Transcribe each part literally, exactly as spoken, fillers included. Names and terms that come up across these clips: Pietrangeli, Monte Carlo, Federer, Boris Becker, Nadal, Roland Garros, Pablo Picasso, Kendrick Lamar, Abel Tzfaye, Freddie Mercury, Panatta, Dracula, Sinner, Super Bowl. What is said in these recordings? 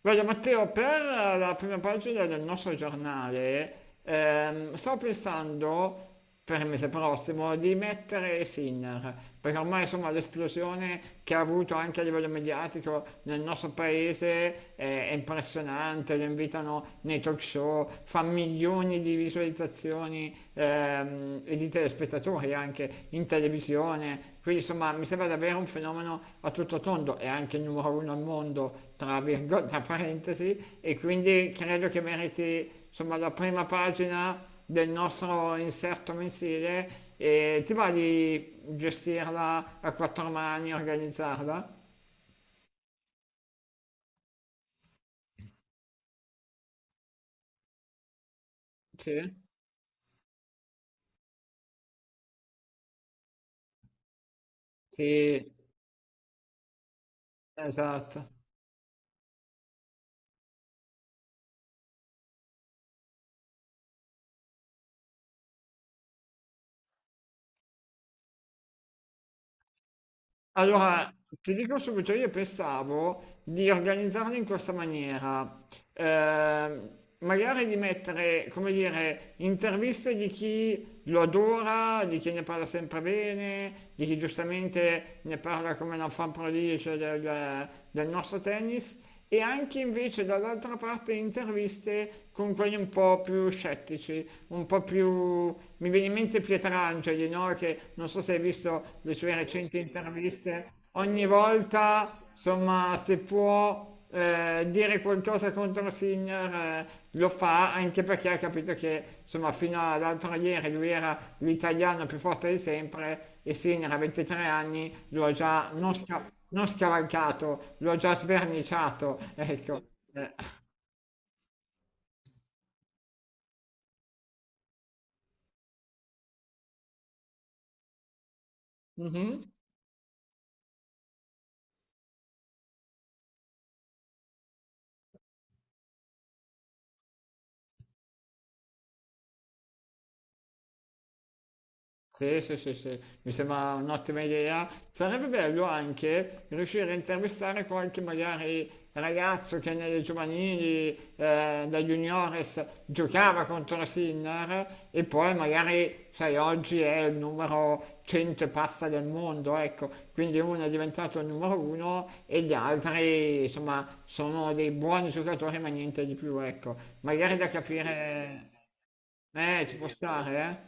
Guarda Matteo, per la prima pagina del nostro giornale, ehm, sto pensando per il mese prossimo di mettere Sinner, perché ormai insomma l'esplosione che ha avuto anche a livello mediatico nel nostro paese, eh, è impressionante. Lo invitano nei talk show, fa milioni di visualizzazioni, eh, ehm, e di telespettatori anche in televisione. Quindi insomma mi sembra davvero un fenomeno a tutto tondo, è anche il numero uno al mondo, tra, virgo- tra parentesi, e quindi credo che meriti insomma la prima pagina del nostro inserto mensile. E ti va di gestirla a quattro mani, organizzarla? Sì, sì, esatto. Allora, ti dico subito, io pensavo di organizzarli in questa maniera. Ehm, Magari di mettere, come dire, interviste di chi lo adora, di chi ne parla sempre bene, di chi giustamente ne parla come una fan prodigie del, del nostro tennis, e anche invece dall'altra parte interviste con quelli un po' più scettici, un po' più. Mi viene in mente Pietrangeli, no? Che non so se hai visto le sue recenti interviste, ogni volta, insomma, se può eh, eh, dire qualcosa contro Sinner, eh, lo fa anche perché ha capito che insomma fino all'altro ieri lui era l'italiano più forte di sempre, e Sinner a ventitré anni lo ha già non, sca- non scavalcato, lo ha già sverniciato, ecco. Eh. Mhm. Sì, sì, sì, sì, mi sembra un'ottima idea. Sarebbe bello anche riuscire a intervistare qualche magari ragazzo che nelle giovanili, eh, da juniores, giocava contro la Sinner, e poi magari, sai, oggi è il numero cento e passa del mondo, ecco, quindi uno è diventato il numero uno e gli altri, insomma, sono dei buoni giocatori ma niente di più, ecco. Magari da capire, eh, ci può stare, eh?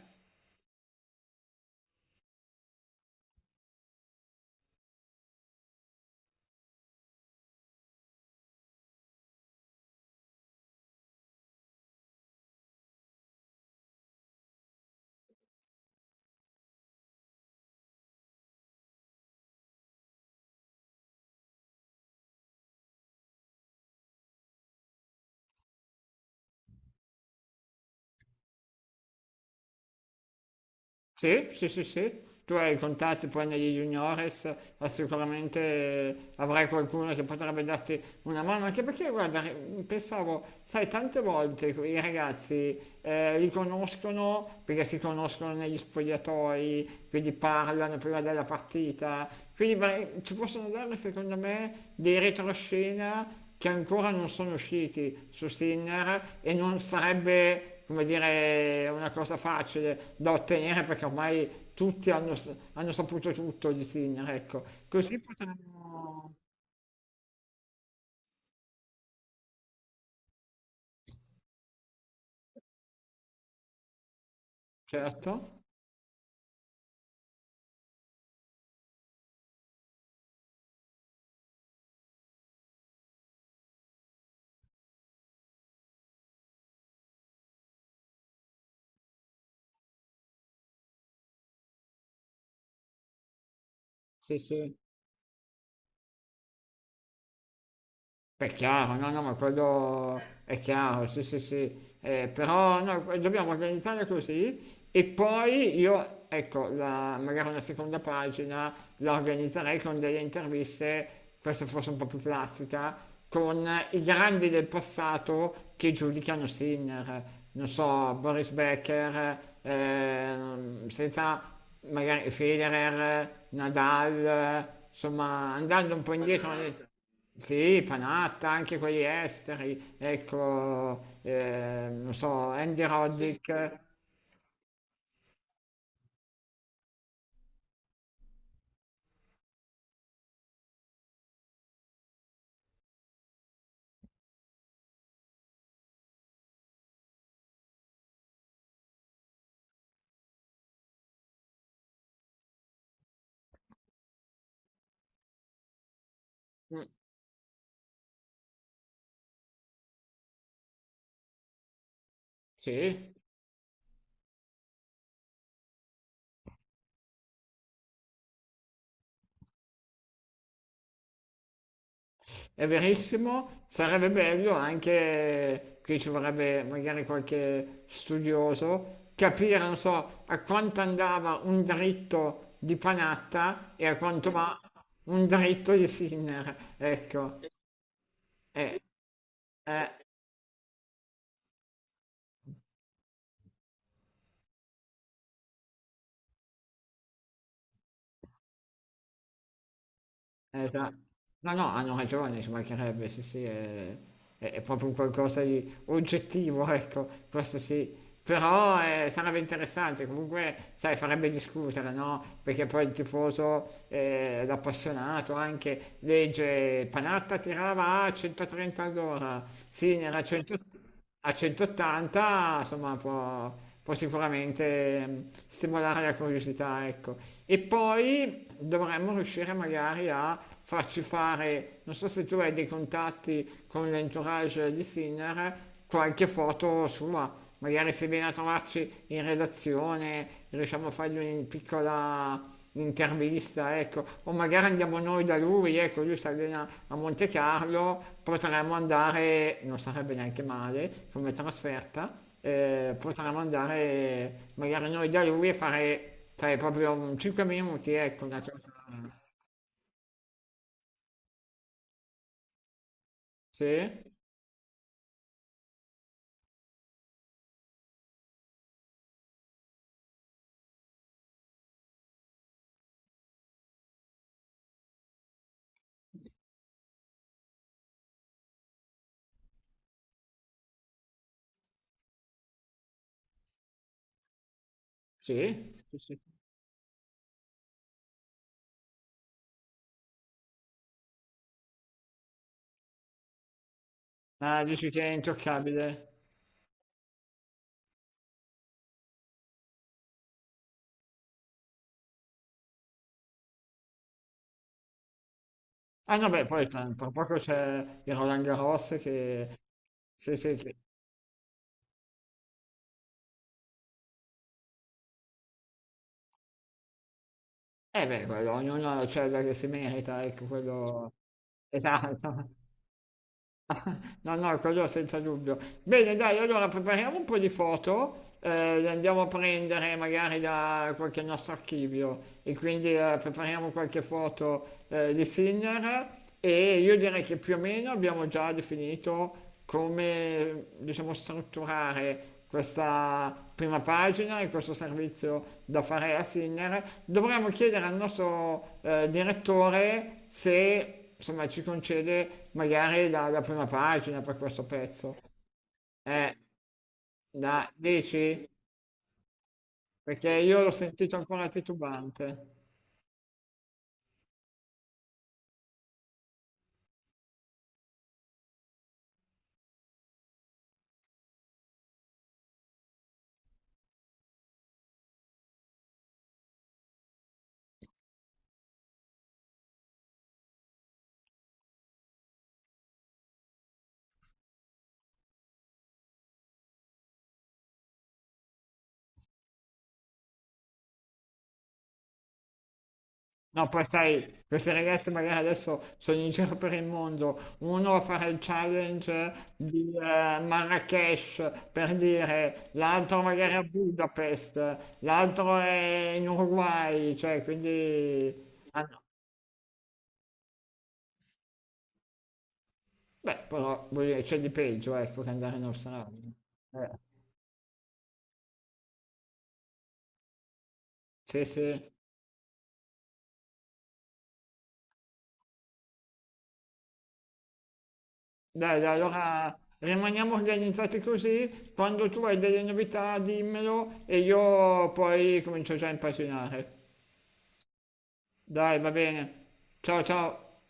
Sì, sì, sì, sì. Tu hai i contatti poi negli juniores, ma sicuramente, eh, avrai qualcuno che potrebbe darti una mano, anche perché guarda, re- pensavo, sai, tante volte i ragazzi, eh, li conoscono perché si conoscono negli spogliatoi, quindi parlano prima della partita, quindi ma- ci possono dare secondo me dei retroscena che ancora non sono usciti su Sinner, e non sarebbe, come dire, una cosa facile da ottenere perché ormai tutti hanno, hanno saputo tutto di Sinner, ecco. Così potremmo. Certo, sì, sì. È chiaro, no, no, ma quello è chiaro, sì, sì, sì. Eh, però no, dobbiamo organizzare così. E poi io, ecco, la- magari una seconda pagina la organizzerei con delle interviste, questa forse un po' più classica, con i grandi del passato che giudicano Sinner, non so, Boris Becker, ehm, senza magari Federer, Nadal, insomma, andando un po' indietro. Nel- sì, Panatta, anche quelli esteri, ecco, eh, non so, Andy, sì, sì, Roddick, mm, sì, è verissimo. Sarebbe bello anche, qui ci vorrebbe magari qualche studioso, capire, non so, a quanto andava un dritto di Panatta e a quanto Mm. va un dritto di Sinner, ecco, eh, eh, esatto. No, no, hanno ragione, ci mancherebbe, sì, sì, è, è- è proprio un qualcosa di oggettivo, ecco, questo sì. Però, eh, sarebbe interessante, comunque, sai, farebbe discutere, no? Perché poi il tifoso, eh, l'appassionato anche, legge Panatta tirava a centotrenta all'ora, Sinner a a centottanta, insomma, può, può sicuramente mm, stimolare la curiosità, ecco. E poi dovremmo riuscire magari a farci fare, non so se tu hai dei contatti con l'entourage di Sinner, qualche foto sua. Magari se viene a trovarci in redazione, riusciamo a fargli una piccola intervista, ecco, o magari andiamo noi da lui, ecco, lui si allena a Monte Carlo, potremmo andare, non sarebbe neanche male come trasferta, eh, potremmo andare magari noi da lui e fare, sai, proprio cinque minuti, ecco, una cosa. Sì? Sì? Ah, dici che è intoccabile. Ah no, beh, poi tra tra poco c'è il Roland Garros che. Sì, sì, che. Eh beh, quello, ognuno c'è da che si merita, ecco, quello. Esatto. No, no, quello senza dubbio. Bene, dai, allora prepariamo un po' di foto, eh, le andiamo a prendere magari da qualche nostro archivio, e quindi, eh, prepariamo qualche foto, eh, di Sinner. E io direi che più o meno abbiamo già definito, come diciamo, strutturare questa prima pagina e questo servizio da fare a Sinner. Dovremmo chiedere al nostro, eh, direttore se insomma ci concede magari la, la prima pagina per questo pezzo. Eh, la dici? Perché io l'ho sentito ancora titubante. No, poi sai, queste ragazze magari adesso sono in giro per il mondo, uno a fare il challenge di, eh, Marrakesh per dire, l'altro magari a Budapest, l'altro è in Uruguay, cioè quindi. Ah no, beh, però voglio dire, c'è di peggio, ecco, che andare in Australia. Eh, sì, sì. Dai, dai, allora rimaniamo organizzati così, quando tu hai delle novità dimmelo e io poi comincio già a impazzinare. Dai, va bene. Ciao ciao.